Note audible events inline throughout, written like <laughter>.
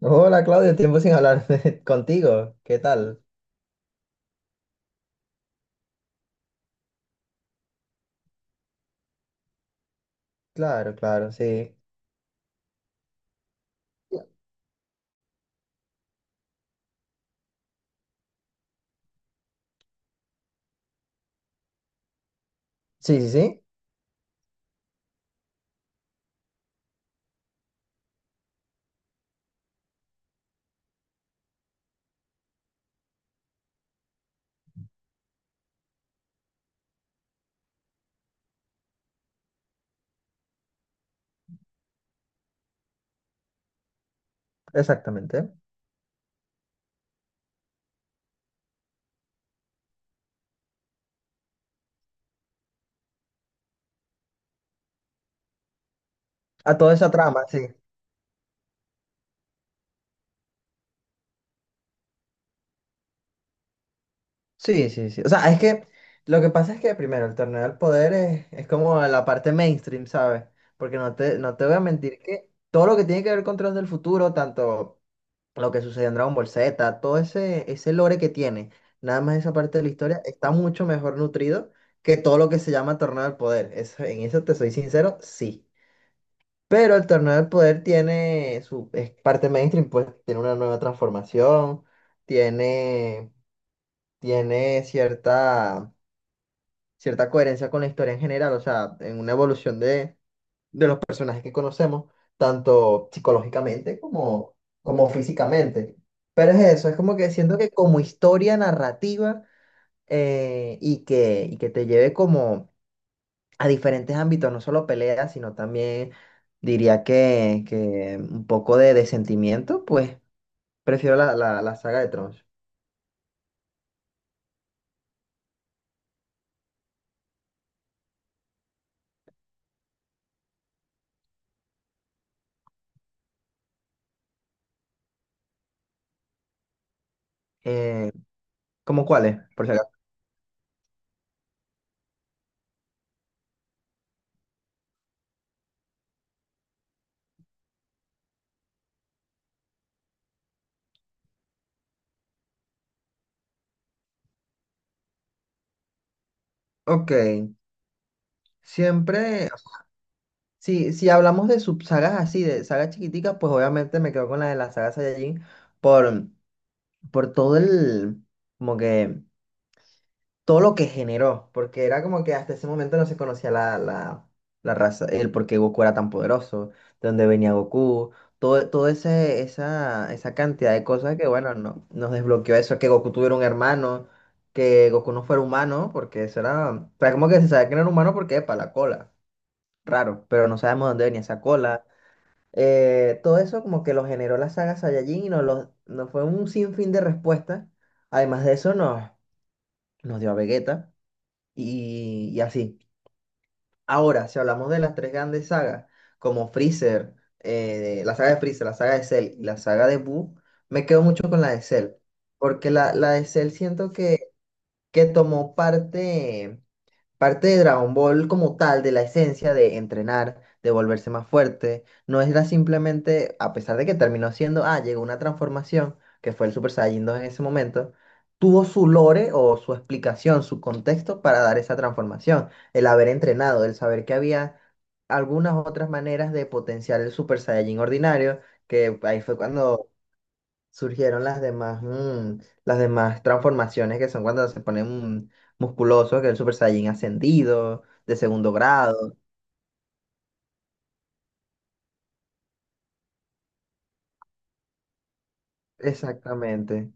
Hola Claudio, tiempo sin hablar <laughs> contigo. ¿Qué tal? Claro, claro, sí. Sí, sí, sí, exactamente. A toda esa trama, sí. Sí, sí, sí. O sea, es que lo que pasa es que primero el torneo del poder es como la parte mainstream, ¿sabes? Porque no te voy a mentir que todo lo que tiene que ver con Trunks del futuro, tanto lo que sucedió en Dragon Ball Z, todo ese lore que tiene, nada más esa parte de la historia, está mucho mejor nutrido que todo lo que se llama torneo del poder. En eso te soy sincero, sí. Pero el torneo del poder tiene su es parte mainstream, pues tiene una nueva transformación, tiene, tiene cierta, coherencia con la historia en general, o sea, en una evolución de, los personajes que conocemos, tanto psicológicamente como, físicamente. Pero es eso, es como que siento que como historia narrativa y que, te lleve como a diferentes ámbitos, no solo peleas, sino también diría que, un poco de, sentimiento, pues prefiero la, la saga de Trunks. Eh, ¿Cómo cuáles? Por si acaso. Ok, siempre, si hablamos de subsagas así, de sagas chiquiticas, pues obviamente me quedo con la de la saga Saiyajin por, por como que todo lo que generó, porque era como que hasta ese momento no se conocía la, la raza, el por qué Goku era tan poderoso, de dónde venía Goku, todo ese, esa, cantidad de cosas que, bueno, no, nos desbloqueó eso, que Goku tuviera un hermano, que Goku no fuera humano, porque eso era, o sea, como que se sabía que no era humano porque, para la cola, raro, pero no sabemos dónde venía esa cola. Todo eso como que lo generó la saga Saiyajin y nos fue un sinfín de respuestas. Además de eso, nos dio a Vegeta y, así. Ahora, si hablamos de las tres grandes sagas, como Freezer, la saga de Freezer, la saga de Cell y la saga de Boo, me quedo mucho con la de Cell, porque la, de Cell siento que, tomó parte. Parte de Dragon Ball como tal, de la esencia de entrenar, de volverse más fuerte, no era simplemente, a pesar de que terminó siendo, llegó una transformación, que fue el Super Saiyajin 2 en ese momento, tuvo su lore o su explicación, su contexto para dar esa transformación, el haber entrenado, el saber que había algunas otras maneras de potenciar el Super Saiyajin ordinario, que ahí fue cuando surgieron las demás, las demás transformaciones que son cuando se pone musculoso, que es el Super Saiyan ascendido, de segundo grado. Exactamente.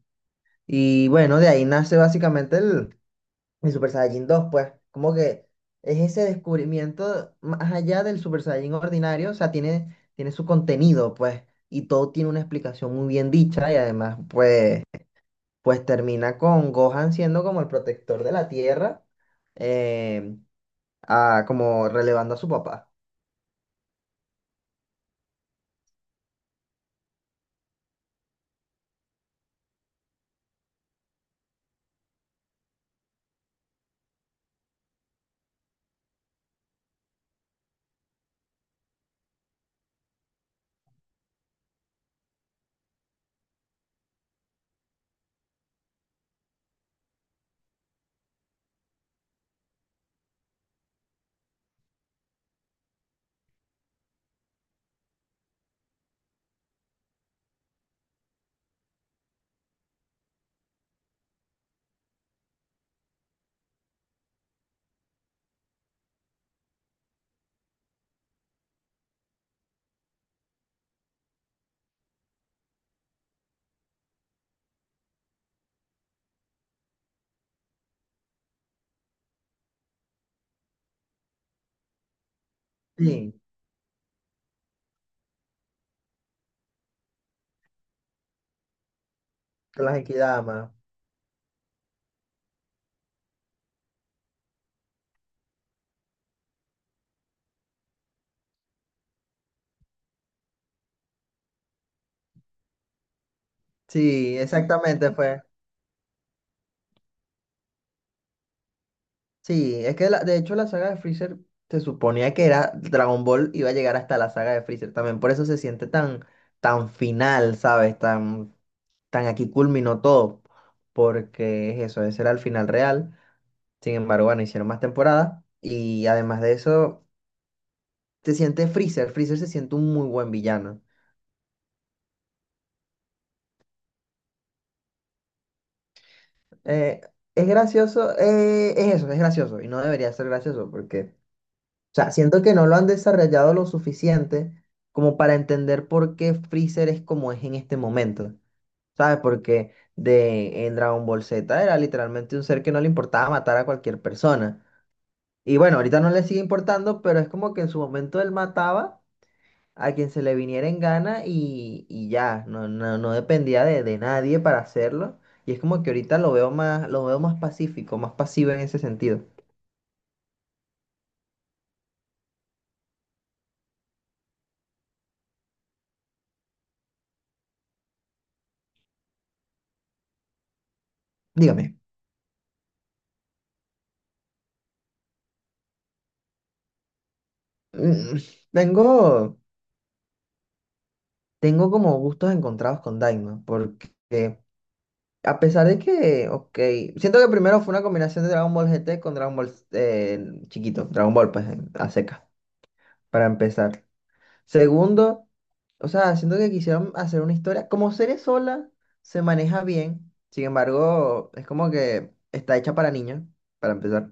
Y bueno, de ahí nace básicamente el, Super Saiyan 2, pues, como que es ese descubrimiento más allá del Super Saiyan ordinario, o sea, tiene, su contenido, pues, y todo tiene una explicación muy bien dicha y además, pues, pues termina con Gohan siendo como el protector de la Tierra. em, Ah, como relevando a su papá. Sí, con las Equidama. Sí, exactamente fue. Sí, es que de hecho la saga de Freezer se suponía que era Dragon Ball iba a llegar hasta la saga de Freezer también. Por eso se siente tan final, ¿sabes? Tan aquí culminó todo. Porque es eso, ese era el final real. Sin embargo, bueno, hicieron más temporadas. Y además de eso, se siente Freezer. Freezer se siente un muy buen villano. Eh, es gracioso, es eso, es gracioso y no debería ser gracioso porque, o sea, siento que no lo han desarrollado lo suficiente como para entender por qué Freezer es como es en este momento, ¿sabes? Porque en Dragon Ball Z era literalmente un ser que no le importaba matar a cualquier persona. Y bueno, ahorita no le sigue importando, pero es como que en su momento él mataba a quien se le viniera en gana y, ya, no dependía de, nadie para hacerlo. Y es como que ahorita lo veo más, pacífico, más pasivo en ese sentido. Dígame. mm, Tengo, como gustos encontrados con Daima, porque a pesar de que, ok, siento que primero fue una combinación de Dragon Ball GT con Dragon Ball chiquito, Dragon Ball, pues a seca, para empezar. Segundo, o sea, siento que quisieron hacer una historia. Como serie sola, se maneja bien. Sin embargo, es como que está hecha para niños, para empezar.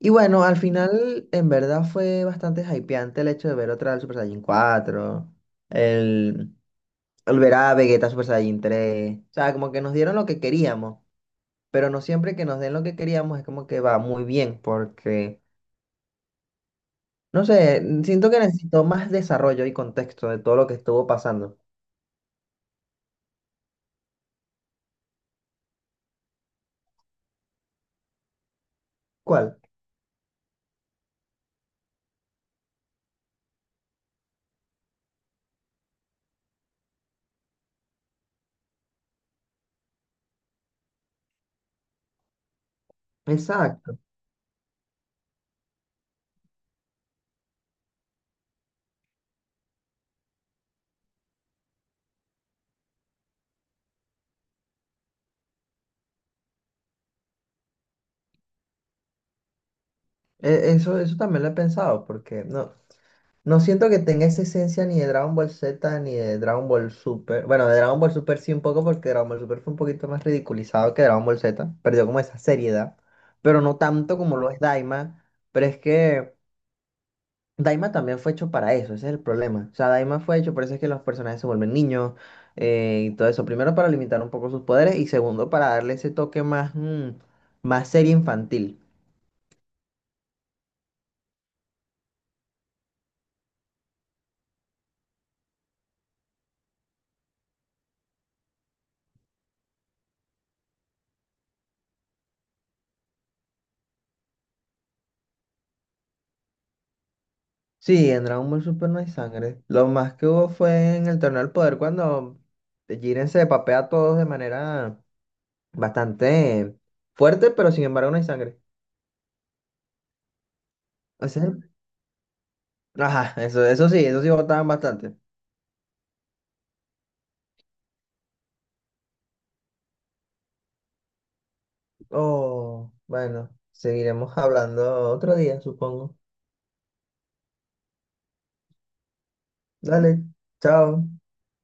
Y bueno, al final, en verdad fue bastante hypeante el hecho de ver otra del Super Saiyan 4, el, ver a Vegeta Super Saiyan 3. O sea, como que nos dieron lo que queríamos, pero no siempre que nos den lo que queríamos es como que va muy bien, porque, no sé, siento que necesitó más desarrollo y contexto de todo lo que estuvo pasando. ¿Cuál? Exacto. Eso también lo he pensado, porque no siento que tenga esa esencia ni de Dragon Ball Z ni de Dragon Ball Super. Bueno, de Dragon Ball Super sí un poco, porque Dragon Ball Super fue un poquito más ridiculizado que Dragon Ball Z. Perdió como esa seriedad, pero no tanto como lo es Daima. Pero es que Daima también fue hecho para eso, ese es el problema. O sea, Daima fue hecho, por eso es que los personajes se vuelven niños, y todo eso. Primero para limitar un poco sus poderes y segundo para darle ese toque más, más serie infantil. Sí, en Dragon Ball Super no hay sangre. Lo más que hubo fue en el Torneo del Poder cuando Jiren se papea a todos de manera bastante fuerte, pero sin embargo no hay sangre. O sea, ajá, eso, eso sí votaban bastante. Oh, bueno, seguiremos hablando otro día, supongo. Dale, chao.